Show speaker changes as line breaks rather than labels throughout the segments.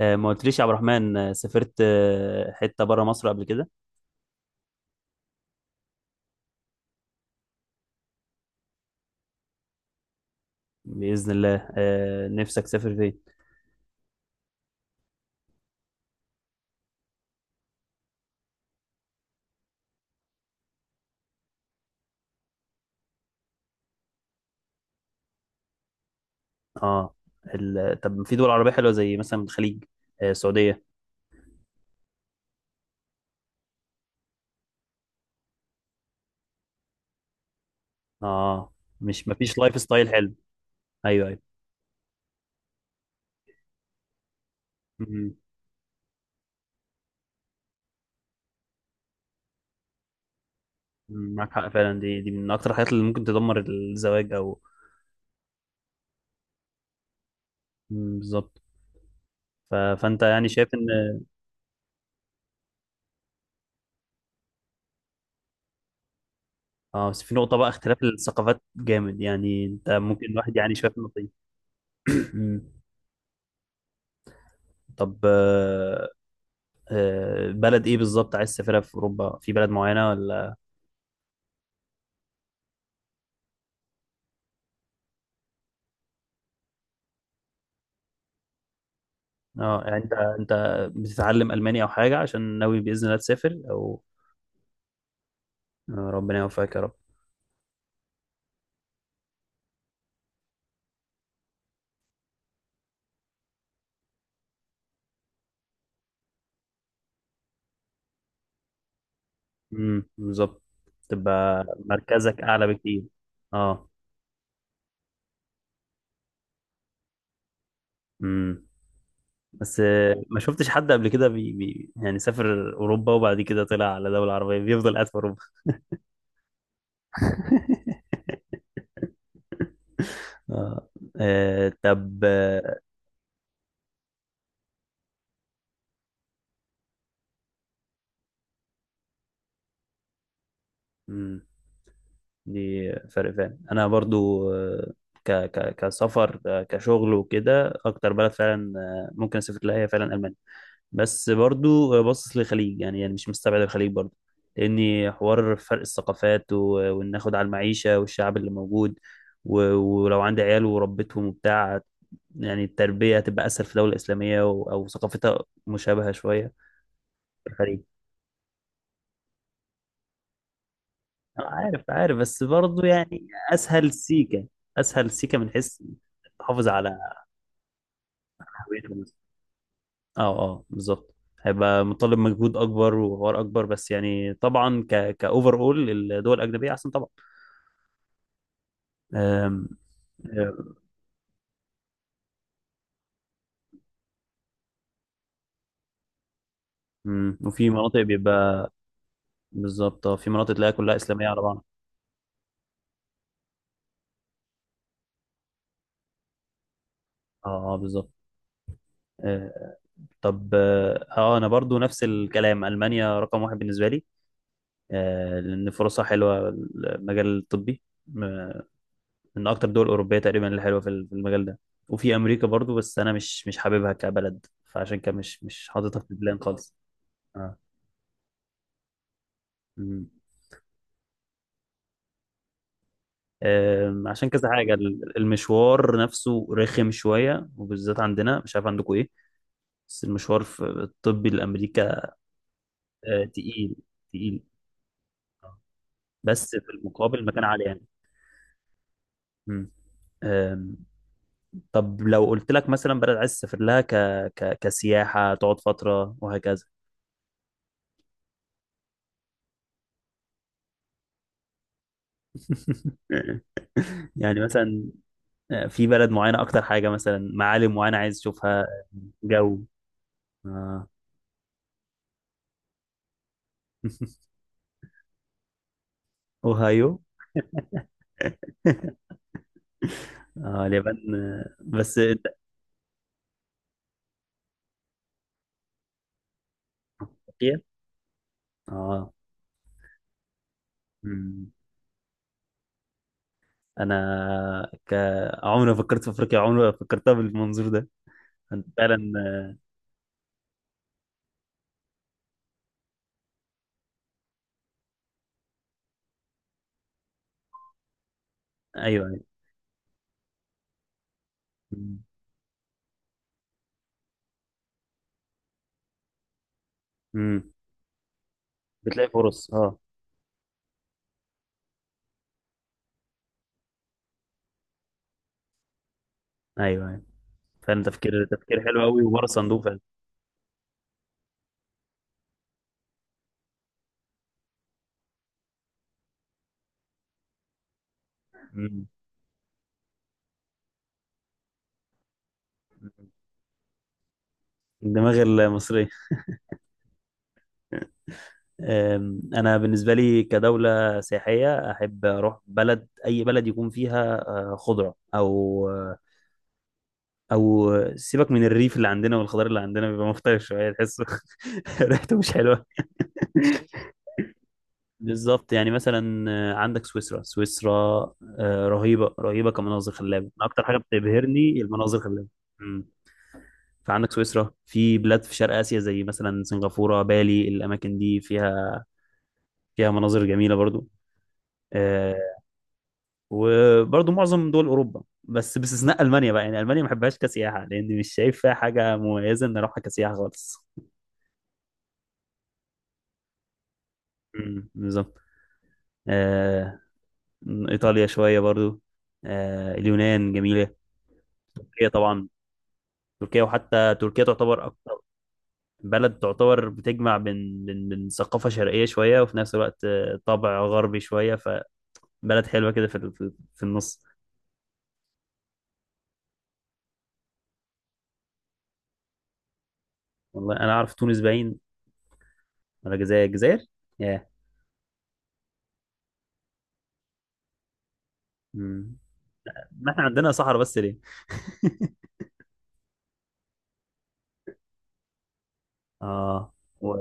ما قلتليش يا عبد الرحمن، سافرت حتة بره مصر قبل كده؟ بإذن الله. نفسك تسافر فين؟ اه. طب في دول عربية حلوة زي مثلا الخليج، السعودية. اه، مش مفيش لايف ستايل حلو. ايوه، ايوه. مم. معاك حق فعلا. دي من اكتر الحاجات اللي ممكن تدمر الزواج او... مم، بالظبط. فانت يعني شايف ان... اه. بس في نقطة بقى، اختلاف الثقافات جامد يعني. انت ممكن الواحد يعني شايف النقطة دي. مم. طب. بلد ايه بالظبط عايز تسافرها؟ في اوروبا في بلد معينه ولا... اه، يعني انت بتتعلم الماني او حاجه عشان ناوي باذن الله تسافر او... ربنا يوفقك يا رب. امم، بالظبط. تبقى مركزك اعلى بكتير. اه. امم بس ما شفتش حد قبل كده بي بي يعني سافر اوروبا وبعد كده طلع على دوله عربيه بيفضل قاعد في اوروبا. اه. طب. مم. دي فرق فعلا. انا برضو ك ك كسفر، كشغل وكده، اكتر بلد فعلا ممكن اسافر لها هي فعلا المانيا. بس برضو باصص للخليج، يعني مش مستبعد الخليج برضو. لاني حوار فرق الثقافات وان اخد على المعيشه والشعب اللي موجود، ولو عندي عيال وربيتهم وبتاع، يعني التربيه هتبقى اسهل في دوله اسلاميه، او ثقافتها مشابهه شويه. في الخليج. عارف، عارف. بس برضه يعني، اسهل سيكه، اسهل سيكه من حيث تحافظ على هويتك مثلا. اه، اه، بالظبط. هيبقى مطالب مجهود اكبر وحوار اكبر، بس يعني طبعا كاوفر اول الدول الاجنبيه احسن طبعا. أم... وفي مناطق بيبقى... بالظبط. اه، في مناطق تلاقيها كلها اسلاميه على بعض. اه، اه، بالظبط. آه، طب. اه، انا برضو نفس الكلام. المانيا رقم واحد بالنسبه لي، لان فرصها حلوه، المجال الطبي. من اكتر الدول الاوروبيه تقريبا اللي حلوه في المجال ده. وفي امريكا برضو، بس انا مش حاببها كبلد، فعشان كده مش حاططها في البلان خالص. اه. مم. عشان كذا حاجه، المشوار نفسه رخم شويه، وبالذات عندنا مش عارف عندكم ايه، بس المشوار في الطبي لامريكا تقيل، تقيل. بس في المقابل مكان عالي يعني. مم. آم، طب لو قلت لك مثلا بلد عايز تسافر لها كسياحة، تقعد فترة وهكذا. يعني مثلا في بلد معينة أكتر حاجة، مثلا معالم معينة عايز تشوفها؟ جو. آه. أوهايو. آه، اليابان. بس أنت... أفريقيا؟ آه. مم. أنا عمري ما فكرت في أفريقيا، عمري ما فكرتها بالمنظور ده. أنت فعلا. أيوه، أيوه. مم. مم. بتلاقي فرص، أه. أيوه، أيوه، فعلا. تفكير، تفكير حلو أوي وبره الصندوق فعلا. مم. مم. الدماغ المصرية. أنا بالنسبة لي كدولة سياحية أحب أروح بلد، أي بلد يكون فيها خضرة، أو سيبك، من الريف اللي عندنا والخضار اللي عندنا بيبقى مختلف شوية تحسه. ريحته مش حلوة. بالظبط. يعني مثلا عندك سويسرا، سويسرا رهيبة، رهيبة كمناظر خلابة. أنا أكتر حاجة بتبهرني المناظر الخلابة. مم. فعندك سويسرا، في بلاد في شرق آسيا زي مثلا سنغافورة، بالي. الأماكن دي فيها فيها مناظر جميلة برضو. آه، وبرضه معظم دول اوروبا، بس باستثناء المانيا بقى. يعني المانيا ما بحبهاش كسياحه لان مش شايف فيها حاجه مميزه ان اروحها كسياحه خالص. امم، بالظبط. آه، ايطاليا شويه برضو. آه، اليونان جميله. تركيا طبعا، تركيا. وحتى تركيا تعتبر اكتر بلد تعتبر بتجمع بين ثقافه شرقيه شويه وفي نفس الوقت طابع غربي شويه. فبلد حلوه كده في النص. والله انا اعرف تونس باين، ولا الجزائر؟ الجزائر. ياه. مم. ما احنا عندنا صحراء بس ليه. اه. و...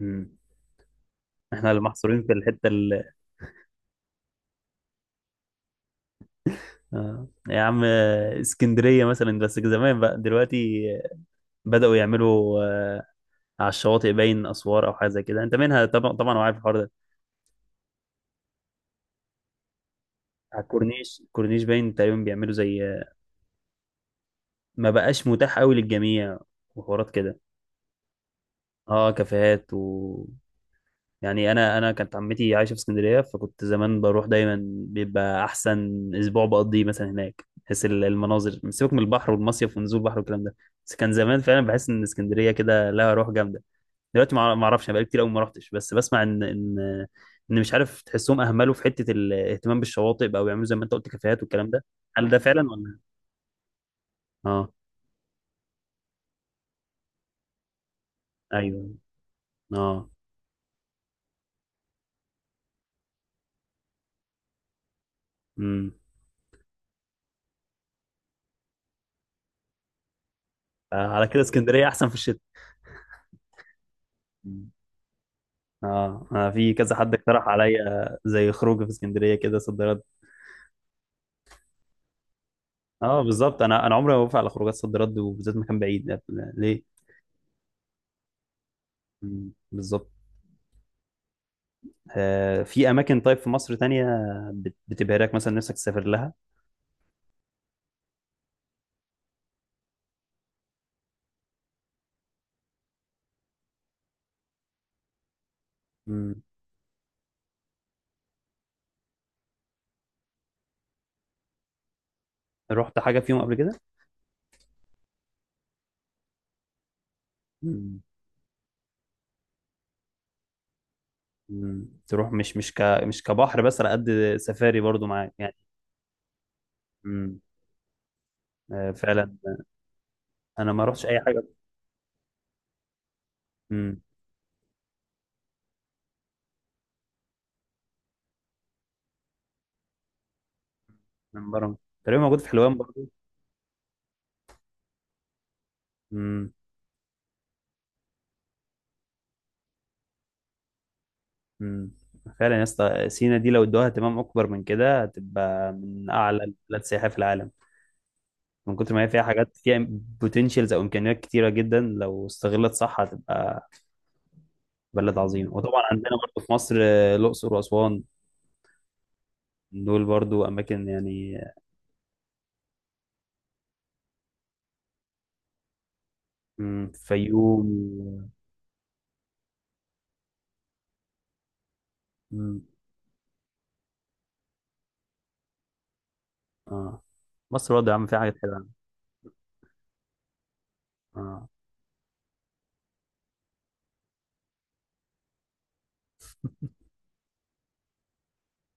مم. احنا اللي محصورين في الحته آه. يا عم، اسكندريه مثلا، بس زمان بقى. دلوقتي بداوا يعملوا على الشواطئ باين اسوار او حاجه زي كده، انت منها طبعا، طبعا وعارف الحوار ده. على الكورنيش، الكورنيش باين تقريبا بيعملوا زي ما بقاش متاح قوي للجميع، وحوارات كده. اه، كافيهات يعني انا كانت عمتي عايشه في اسكندريه، فكنت زمان بروح دايما. بيبقى احسن اسبوع بقضيه مثلا هناك بحيث المناظر، سيبك من البحر والمصيف ونزول البحر والكلام ده. بس كان زمان فعلا بحس ان اسكندريه كده لها روح جامده. دلوقتي ما اعرفش، انا بقالي كتير قوي ما رحتش، بس بسمع ان مش عارف تحسهم اهملوا في حته الاهتمام بالشواطئ بقى ويعملوا زي ما انت قلت كافيهات والكلام ده. هل ده فعلا ولا... اه، ايوه، اه. امم على كده اسكندريه احسن في الشتاء. اه. انا في كذا حد اقترح عليا زي خروج في اسكندريه كده، صد رد. اه، بالظبط. انا عمري ما بوافق على خروجات صد رد، وبالذات مكان بعيد ليه. مم، بالظبط. في اماكن طيب في مصر تانية بتبهرك مثلا، نفسك تسافر لها؟ مم. رحت حاجه فيهم قبل كده؟ مم. مم. تروح مش كبحر، بس على قد سفاري برضو معاك يعني. مم. فعلا. انا ما رحتش اي حاجه. مم. من بره تقريبا موجود في حلوان برضو. مم. مم. فعلا يا اسطى، سينا دي لو ادوها اهتمام اكبر من كده هتبقى من اعلى البلاد سياحه في العالم، من كتر ما هي فيها حاجات. فيها بوتنشالز او امكانيات كتيره جدا، لو استغلت صح هتبقى بلد عظيم. وطبعا عندنا برضه في مصر الاقصر واسوان، دول برضه اماكن يعني. فيوم. مم، اه. مصر برضه يا عم فيها حاجات حلوه. آه.